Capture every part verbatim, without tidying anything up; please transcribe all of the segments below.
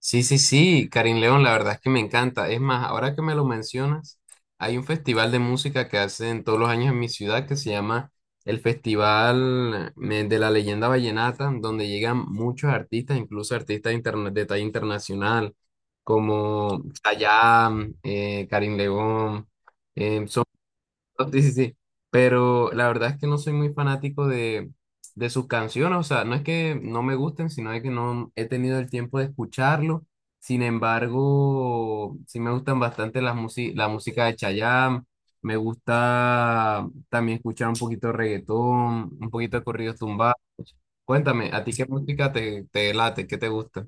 Sí, sí, sí, Karim León, la verdad es que me encanta. Es más, ahora que me lo mencionas, hay un festival de música que hacen todos los años en mi ciudad que se llama el Festival eh, de la Leyenda Vallenata, donde llegan muchos artistas, incluso artistas interna- de talla internacional, como Chayanne, eh, Karim León. em, Sí, sí, sí. Pero la verdad es que no soy muy fanático de, de sus canciones. O sea, no es que no me gusten, sino de que no he tenido el tiempo de escucharlo. Sin embargo, sí me gustan bastante las musi- la música de Chayanne. Me gusta también escuchar un poquito de reggaetón, un poquito de corridos tumbados. Cuéntame, ¿a ti qué música te, te late? ¿Qué te gusta?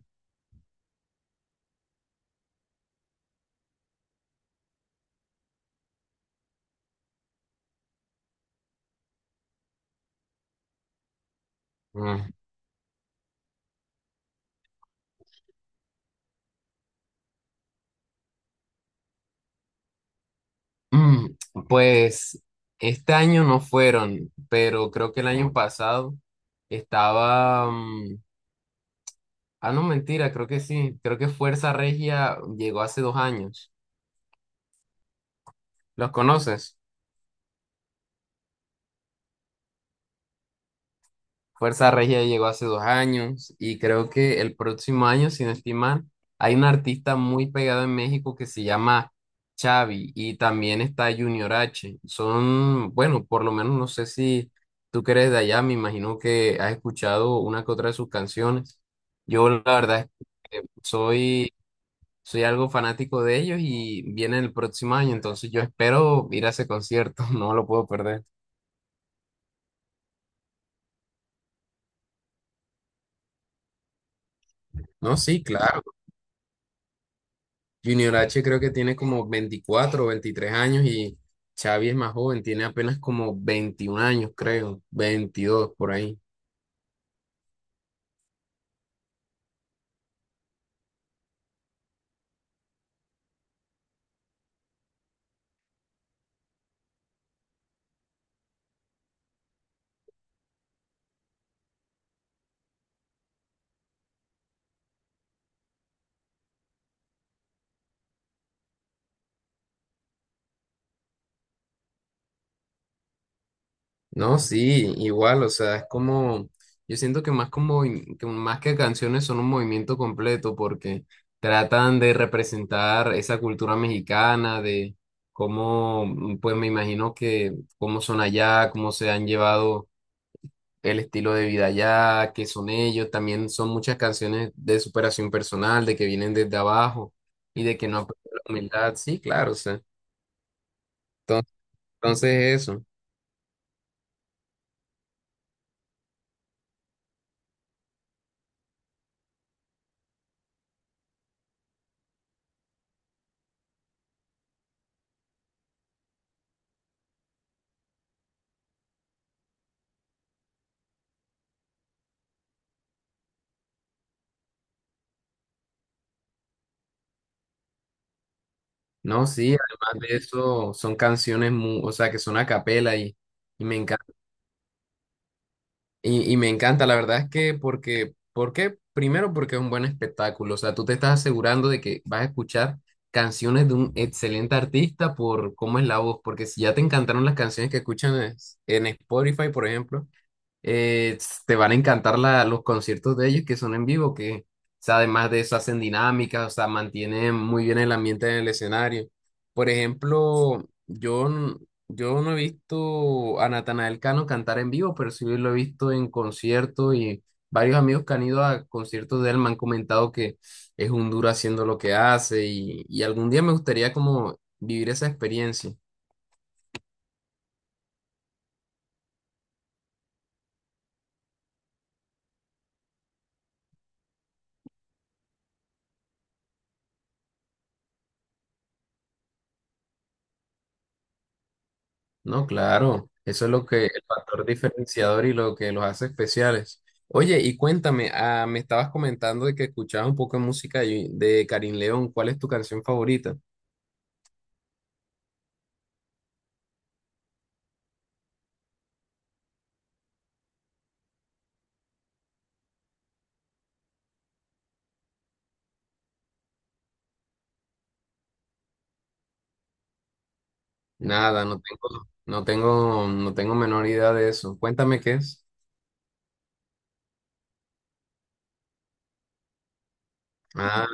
Mm, Pues este año no fueron, pero creo que el año pasado estaba, mm, ah, no, mentira, creo que sí. Creo que Fuerza Regia llegó hace dos años. ¿Los conoces? Fuerza Regia llegó hace dos años y creo que el próximo año, sin estimar, hay un artista muy pegado en México que se llama Xavi y también está Junior H. Son, bueno, por lo menos no sé si tú que eres de allá, me imagino que has escuchado una que otra de sus canciones. Yo la verdad es que soy, soy algo fanático de ellos y viene el próximo año, entonces yo espero ir a ese concierto, no lo puedo perder. No, sí, claro. Junior H creo que tiene como veinticuatro o veintitrés años y Xavi es más joven, tiene apenas como veintiún años, creo, veintidós por ahí. No, sí, igual, o sea, es como, yo siento que más como, que más que canciones son un movimiento completo porque tratan de representar esa cultura mexicana, de cómo, pues me imagino que cómo son allá, cómo se han llevado el estilo de vida allá, que son ellos. También son muchas canciones de superación personal, de que vienen desde abajo y de que no han perdido la humildad. Sí, claro, o sea. Entonces, entonces eso. No, sí, además de eso, son canciones, mu- o sea, que son a capela y, y me encanta. Y, y me encanta, la verdad es que porque, ¿por qué? Primero porque es un buen espectáculo, o sea, tú te estás asegurando de que vas a escuchar canciones de un excelente artista por cómo es la voz, porque si ya te encantaron las canciones que escuchan es- en Spotify, por ejemplo, eh, s- te van a encantar la- los conciertos de ellos que son en vivo, que o sea, además de eso hacen dinámicas, o sea, mantienen muy bien el ambiente en el escenario. Por ejemplo, yo, n- yo no he visto a Natanael Cano cantar en vivo, pero sí lo he visto en conciertos y varios amigos que han ido a conciertos de él me han comentado que es un duro haciendo lo que hace y, y algún día me gustaría como vivir esa experiencia. No, claro, eso es lo que el factor diferenciador y lo que los hace especiales. Oye, y cuéntame, ah, me estabas comentando de que escuchabas un poco de música y- de Karin León. ¿Cuál es tu canción favorita? Nada, no tengo, no tengo, no tengo menor idea de eso. Cuéntame qué es. Ah,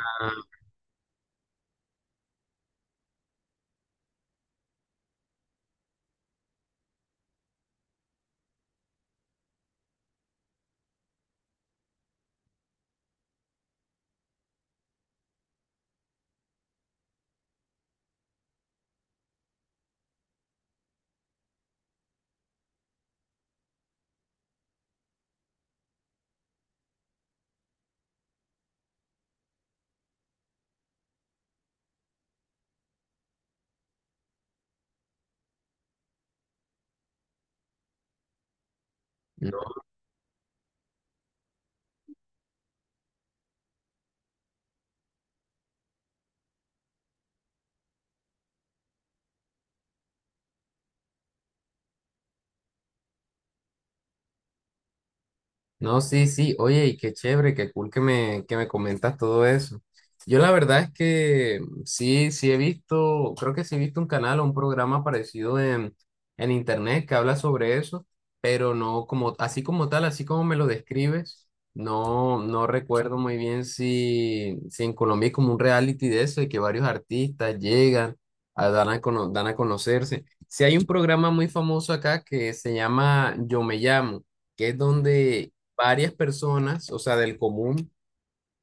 no, sí, sí, oye, y qué chévere, qué cool que me, que me comentas todo eso. Yo la verdad es que sí, sí he visto, creo que sí he visto un canal o un programa parecido en, en internet que habla sobre eso, pero no como, así como tal, así como me lo describes, no, no recuerdo muy bien si, si en Colombia es como un reality de eso, de que varios artistas llegan, a, dan a, cono- dan a conocerse. Si hay un programa muy famoso acá que se llama Yo Me Llamo, que es donde varias personas, o sea, del común,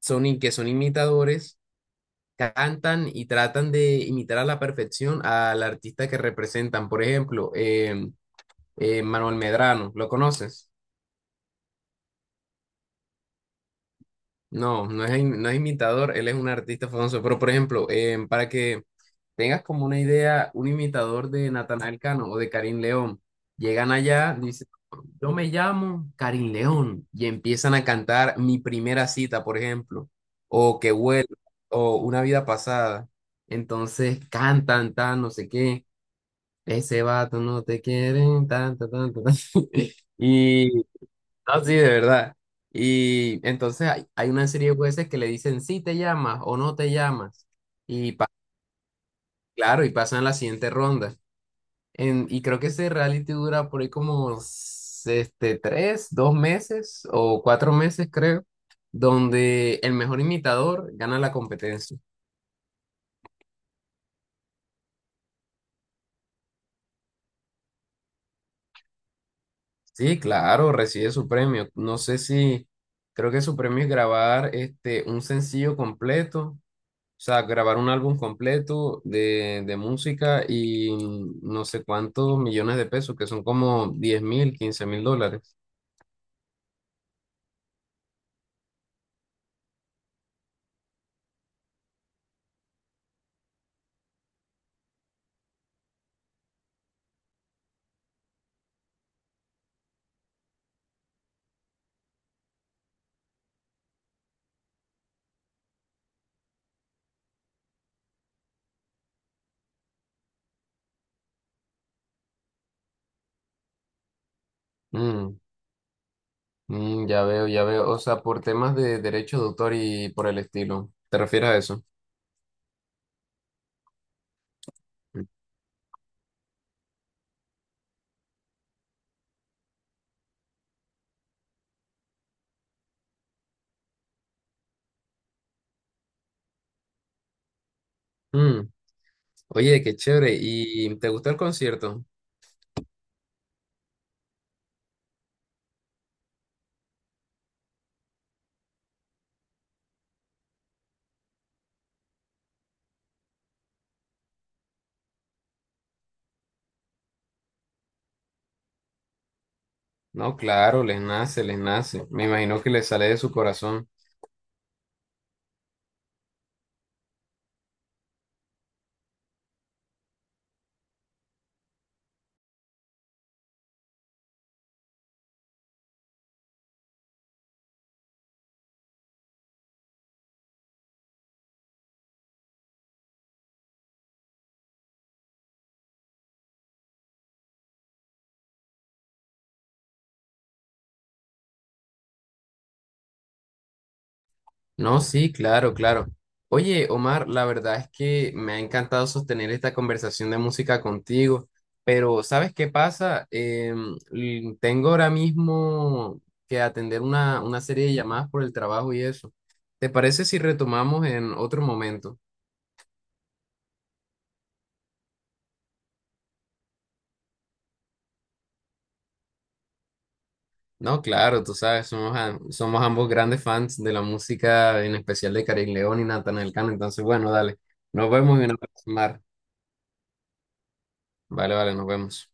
son in- que son imitadores, cantan y tratan de imitar a la perfección al artista que representan. Por ejemplo, eh, eh, Manuel Medrano, ¿lo conoces? No, no es, im- no es imitador, él es un artista famoso, pero por ejemplo, eh, para que tengas como una idea, un imitador de Natanael Cano o de Karim León. Llegan allá, dicen, yo me llamo Karim León, y empiezan a cantar Mi primera cita, por ejemplo, o Que huele, o Una vida pasada. Entonces cantan, tan, no sé qué, ese vato no te quieren, tan, tan, tan, tan, tan. Y, no, sí, de verdad. Y entonces hay, hay una serie de jueces que le dicen si te llamas o no te llamas. Y pa- claro, y pasan a la siguiente ronda. En- y creo que ese reality dura por ahí como s- este, tres, dos meses o cuatro meses, creo, donde el mejor imitador gana la competencia. Sí, claro, recibe su premio. No sé si, creo que su premio es grabar este, un sencillo completo, o sea, grabar un álbum completo de, de música y mm, no sé cuántos millones de pesos, que son como diez mil, quince mil dólares. Mm. Mm, ya veo, ya veo. O sea, por temas de derecho de autor y por el estilo. ¿Te refieres a eso? Mm, Oye, qué chévere. ¿Y te gustó el concierto? No, claro, les nace, les nace. Me imagino que les sale de su corazón. No, sí, claro, claro. Oye, Omar, la verdad es que me ha encantado sostener esta conversación de música contigo, pero ¿sabes qué pasa? Em, l- tengo ahora mismo que atender una, una serie de llamadas por el trabajo y eso. ¿Te parece si retomamos en otro momento? No, claro, tú sabes, somos, a- somos ambos grandes fans de la música, en especial de Carin León y Natanael Cano, entonces bueno, dale, nos vemos en una próxima. Omar. Vale, vale, nos vemos.